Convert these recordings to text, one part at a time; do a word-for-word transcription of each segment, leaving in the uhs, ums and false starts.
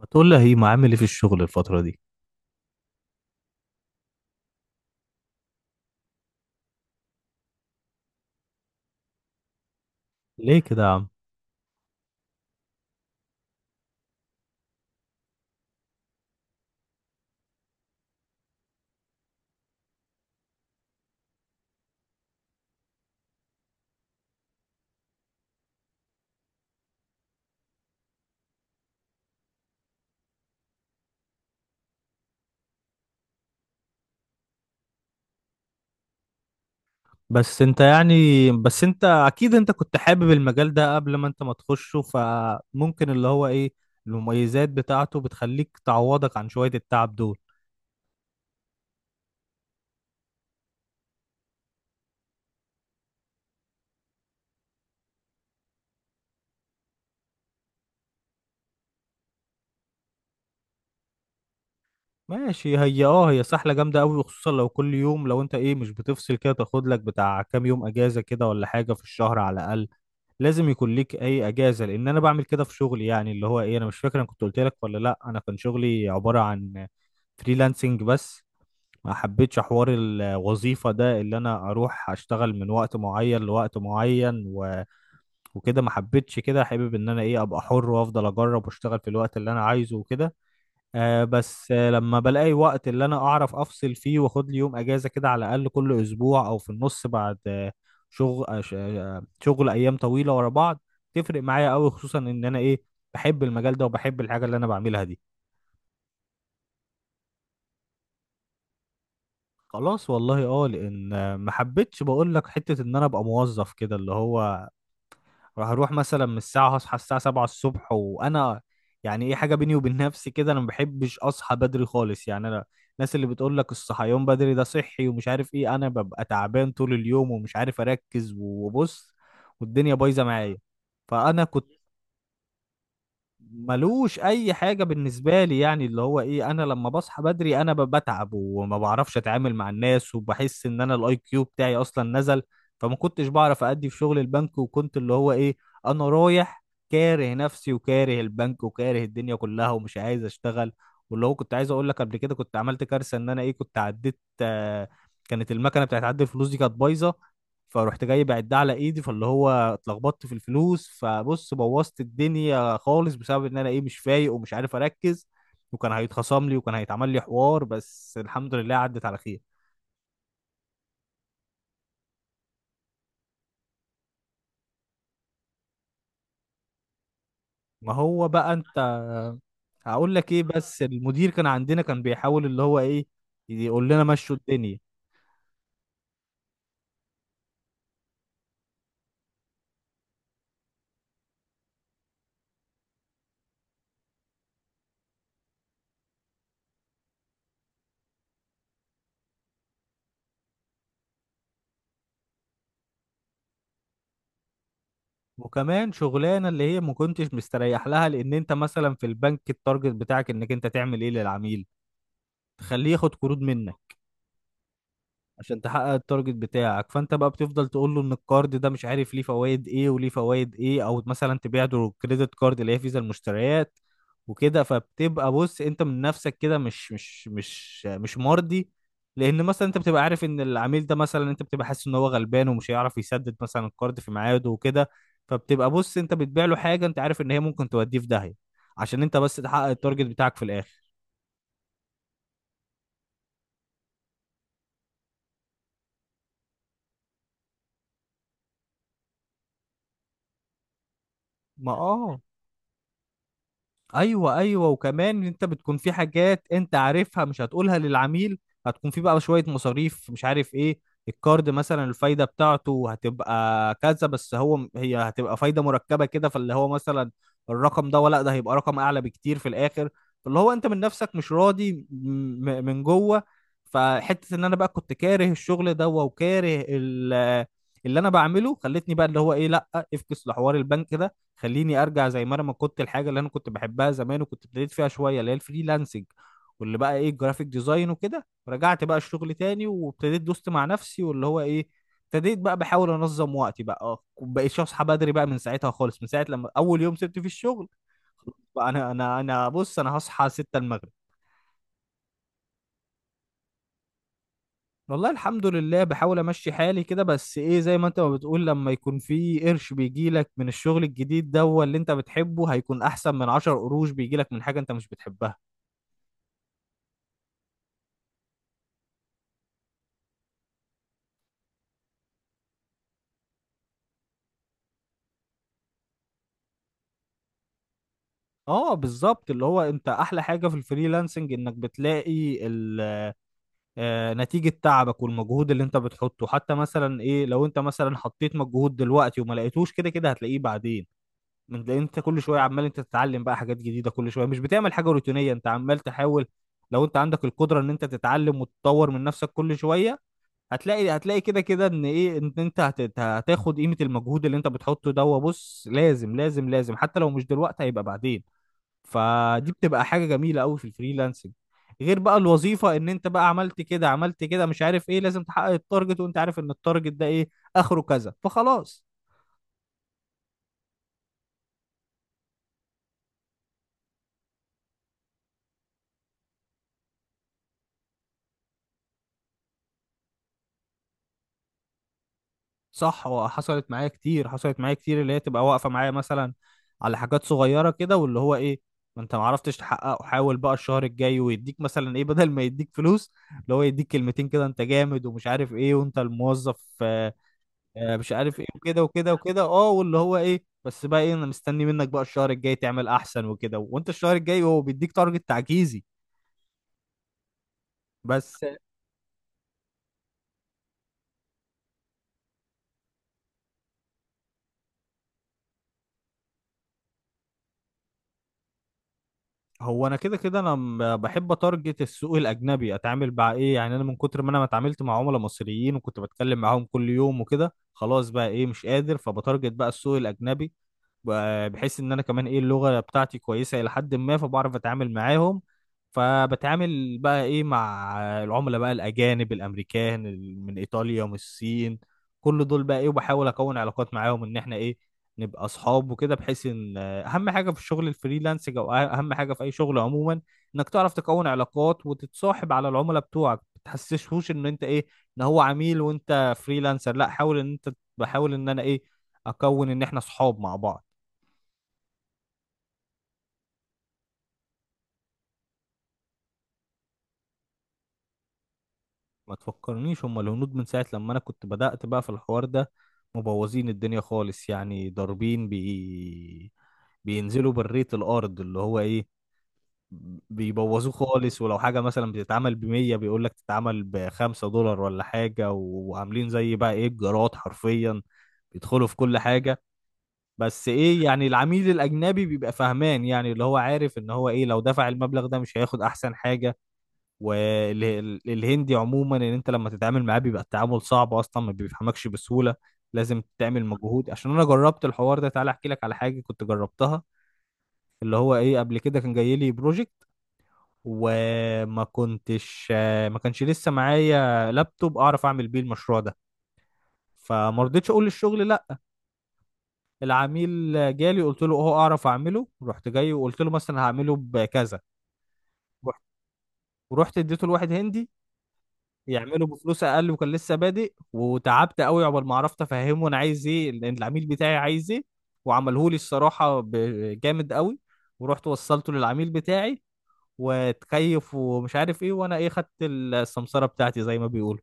ما تقول لي هيما عامل ايه في الشغل الفترة دي؟ ليه كده يا عم؟ بس انت يعني بس انت اكيد انت كنت حابب المجال ده قبل ما انت ما تخشه، فممكن اللي هو ايه المميزات بتاعته بتخليك تعوضك عن شوية التعب دول. ماشي، هي اه هي سحلة جامدة قوي، وخصوصا لو كل يوم. لو انت ايه مش بتفصل كده، تاخد لك بتاع كام يوم اجازة كده ولا حاجة في الشهر على الاقل. لازم يكون ليك اي اجازة، لان انا بعمل كده في شغلي. يعني اللي هو ايه، انا مش فاكر انا كنت قلت لك ولا لا. انا كان شغلي عبارة عن فريلانسنج بس. ما حبيتش حوار الوظيفة ده، اللي انا اروح اشتغل من وقت معين لوقت معين و... وكده ما حبيتش كده. حابب ان انا ايه ابقى حر وافضل اجرب واشتغل في الوقت اللي انا عايزه وكده. آه بس آه لما بلاقي وقت اللي انا اعرف افصل فيه واخد لي يوم اجازة كده على الاقل كل اسبوع او في النص. بعد آه شغل، آه ش- آه، شغل ايام طويلة ورا بعض، تفرق معايا قوي، خصوصا ان انا ايه بحب المجال ده وبحب الحاجة اللي انا بعملها دي. خلاص والله اه، لان ما حبيتش، بقول لك، حته ان انا ابقى موظف كده. اللي هو راح اروح مثلا من الساعه، هصحى الساعه سبعة الصبح، وانا يعني ايه، حاجه بيني وبين نفسي كده، انا ما بحبش اصحى بدري خالص. يعني انا الناس اللي بتقول لك الصحيان بدري ده صحي ومش عارف ايه، انا ببقى تعبان طول اليوم ومش عارف اركز، وبص والدنيا بايظه معايا. فانا كنت ملوش اي حاجه بالنسبه لي. يعني اللي هو ايه، انا لما بصحى بدري انا ب- بتعب، وما بعرفش اتعامل مع الناس، وبحس ان انا الاي كيو بتاعي اصلا نزل. فما كنتش بعرف ادي في شغل البنك، وكنت اللي هو ايه انا رايح كاره نفسي وكاره البنك وكاره الدنيا كلها ومش عايز اشتغل. واللي هو كنت عايز اقول لك قبل كده، كنت عملت كارثه. ان انا ايه كنت عديت، آه كانت المكنه بتاعت عد الفلوس دي كانت بايظه، فروحت جاي بعدها على ايدي، فاللي هو اتلخبطت في الفلوس. فبص بوظت الدنيا خالص، بسبب ان انا ايه مش فايق ومش عارف اركز. وكان هيتخصم لي وكان هيتعمل لي حوار، بس الحمد لله عدت على خير. ما هو بقى انت هقول لك ايه، بس المدير كان عندنا كان بيحاول اللي هو ايه يقول لنا مشوا الدنيا. وكمان شغلانه اللي هي ما كنتش مستريح لها، لان انت مثلا في البنك، التارجت بتاعك انك انت تعمل ايه للعميل تخليه ياخد قروض منك، عشان تحقق التارجت بتاعك. فانت بقى بتفضل تقول له ان الكارد ده مش عارف ليه فوائد ايه وليه فوائد ايه، او مثلا تبيع له كريدت كارد اللي هي فيزا المشتريات وكده. فبتبقى بص انت من نفسك كده مش مش مش مش مرضي، لان مثلا انت بتبقى عارف ان العميل ده، مثلا انت بتبقى حاسس ان هو غلبان ومش هيعرف يسدد مثلا الكارد في ميعاده وكده. فبتبقى بص انت بتبيع له حاجه انت عارف ان هي ممكن توديه في داهيه، عشان انت بس تحقق التارجت بتاعك في الاخر. ما اه، ايوه ايوه، وكمان انت بتكون في حاجات انت عارفها مش هتقولها للعميل. هتكون في بقى شويه مصاريف مش عارف ايه. الكارد مثلا الفايده بتاعته هتبقى كذا، بس هو م- هي هتبقى فايده مركبه كده. فاللي هو مثلا الرقم ده ولا ده هيبقى رقم اعلى بكتير في الاخر. فاللي هو انت من نفسك مش راضي، م- م- من جوه. فحته ان انا بقى كنت كاره الشغل ده وكاره ال- اللي انا بعمله، خلتني بقى اللي هو ايه لا افكس لحوار البنك ده. خليني ارجع زي ما انا ما كنت، الحاجه اللي انا كنت بحبها زمان وكنت ابتديت فيها شويه اللي هي الفريلانسنج، واللي بقى ايه الجرافيك ديزاين وكده. رجعت بقى الشغل تاني، وابتديت دوست مع نفسي، واللي هو ايه ابتديت بقى بحاول انظم وقتي بقى اه. بقيت اصحى بدري بقى من ساعتها خالص، من ساعه لما اول يوم سبت فيه الشغل. بقى انا انا انا بص انا هصحى ستة المغرب. والله الحمد لله بحاول امشي حالي كده، بس ايه زي ما انت ما بتقول، لما يكون في قرش بيجيلك من الشغل الجديد ده هو اللي انت بتحبه، هيكون احسن من عشرة قروش بيجيلك من حاجة انت مش بتحبها. اه بالظبط، اللي هو انت احلى حاجه في الفريلانسنج، انك بتلاقي ال- آه، نتيجه تعبك والمجهود اللي انت بتحطه. حتى مثلا ايه لو انت مثلا حطيت مجهود دلوقتي وما لقيتوش، كده كده هتلاقيه بعدين. من لأن انت كل شويه عمال انت تتعلم بقى حاجات جديده كل شويه، مش بتعمل حاجه روتينيه، انت عمال تحاول. لو انت عندك القدره ان انت تتعلم وتطور من نفسك كل شويه، هتلاقي هتلاقي كده كده ان ايه، ان انت هت- هتاخد قيمه المجهود اللي انت بتحطه ده. وبص لازم لازم لازم، حتى لو مش دلوقتي هيبقى بعدين. فدي بتبقى حاجة جميلة قوي في الفريلانسنج. غير بقى الوظيفة ان انت بقى عملت كده عملت كده مش عارف ايه، لازم تحقق التارجت، وانت عارف ان التارجت ده ايه اخره كذا، فخلاص. صح. وحصلت معايا كتير، حصلت معايا كتير اللي هي تبقى واقفة معايا مثلا على حاجات صغيرة كده. واللي هو ايه، ما انت ما عرفتش تحققه، حاول بقى الشهر الجاي. ويديك مثلا ايه، بدل ما يديك فلوس، اللي هو يديك كلمتين كده، انت جامد ومش عارف ايه وانت الموظف آه، مش عارف ايه وكده وكده وكده اه. واللي هو ايه بس بقى ايه انا مستني منك بقى الشهر الجاي تعمل احسن وكده، وانت الشهر الجاي هو بيديك تارجت تعجيزي بس. هو انا كده كده انا م- بحب اتارجت السوق الاجنبي، اتعامل مع ايه. يعني انا من كتر ما انا ما اتعاملت مع عملاء مصريين وكنت بتكلم معاهم كل يوم وكده، خلاص بقى ايه مش قادر. فبتارجت بقى السوق الاجنبي، ب- بحيث ان انا كمان ايه اللغه بتاعتي كويسه الى حد ما، فبعرف اتعامل معاهم. فبتعامل بقى ايه مع العملاء بقى الاجانب، الامريكان، ال- من ايطاليا، من الصين، كل دول بقى ايه. وبحاول اكون علاقات معاهم ان احنا ايه نبقى اصحاب وكده، بحيث ان آه، اهم حاجه في الشغل الفريلانس، او اهم حاجه في اي شغل عموما، انك تعرف تكون علاقات وتتصاحب على العملاء بتوعك. ما تحسسهوش ان انت ايه ان هو عميل وانت فريلانسر، لا حاول ان انت، بحاول ان انا ايه اكون ان احنا اصحاب مع بعض. ما تفكرنيش، هم الهنود من ساعة لما أنا كنت بدأت بقى في الحوار ده مبوظين الدنيا خالص. يعني ضاربين بي... بينزلوا بالريت الأرض، اللي هو إيه بيبوظوه خالص. ولو حاجة مثلا بتتعمل بمية، بيقول لك تتعمل بخمسة دولار ولا حاجة. وعاملين زي بقى إيه الجراد حرفيا، بيدخلوا في كل حاجة. بس إيه يعني العميل الأجنبي بيبقى فاهمان، يعني اللي هو عارف إن هو إيه لو دفع المبلغ ده مش هياخد أحسن حاجة. والهندي عموما ان انت لما تتعامل معاه بيبقى التعامل صعب، اصلا ما بيفهمكش بسهولة، لازم تعمل مجهود. عشان انا جربت الحوار ده، تعالى احكي لك على حاجة كنت جربتها. اللي هو ايه، قبل كده كان جاي لي بروجكت، وما كنتش ما كانش لسه معايا لابتوب اعرف اعمل بيه المشروع ده. فما رضيتش اقول للشغل لا. العميل جالي، قلت له اه اعرف اعمله. رحت جاي وقلت له مثلا هعمله بكذا. رحت ورحت اديته لواحد هندي يعمله بفلوس اقل، وكان لسه بادئ. وتعبت قوي عقبال ما عرفت افهمه انا عايز ايه، لان العميل بتاعي عايز ايه. وعمله لي الصراحه ب- جامد قوي. ورحت وصلته للعميل بتاعي، وتكيف ومش عارف ايه، وانا ايه خدت السمسره بتاعتي زي ما بيقولوا.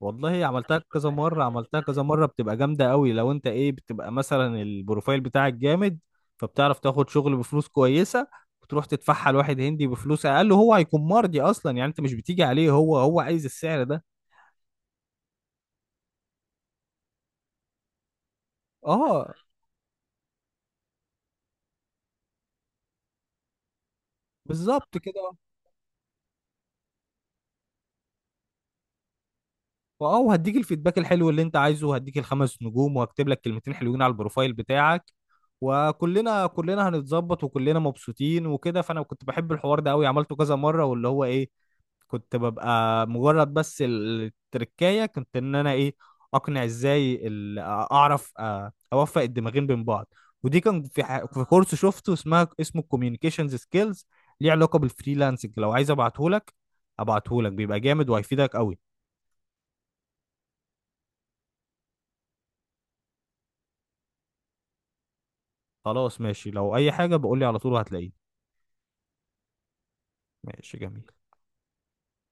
والله عملتها كذا مره، عملتها كذا مره بتبقى جامده قوي. لو انت ايه بتبقى مثلا البروفايل بتاعك جامد، فبتعرف تاخد شغل بفلوس كويسه، وتروح تدفعها لواحد هندي بفلوس اقل، وهو هيكون مرضي اصلا. يعني انت مش بتيجي عليه، هو هو عايز السعر ده. اه بالظبط كده. اه وهديك الفيدباك الحلو اللي انت عايزه، وهديك الخمس نجوم، وهكتب لك كلمتين حلوين على البروفايل بتاعك. وكلنا كلنا هنتظبط وكلنا مبسوطين وكده. فانا كنت بحب الحوار ده قوي، عملته كذا مره، واللي هو ايه كنت ببقى مجرد بس ال- التركاية. كنت ان انا ايه اقنع ازاي ال- اعرف آه، اوفق الدماغين بين بعض. ودي كان في ح... في كورس شفته اسمها اسمه كوميونيكيشنز سكيلز، ليه علاقة بالفريلانسنج. لو عايز ابعتهولك، ابعتهولك بيبقى جامد وهيفيدك قوي. خلاص ماشي، لو اي حاجة بقولي على طول وهتلاقيه. ماشي جميل.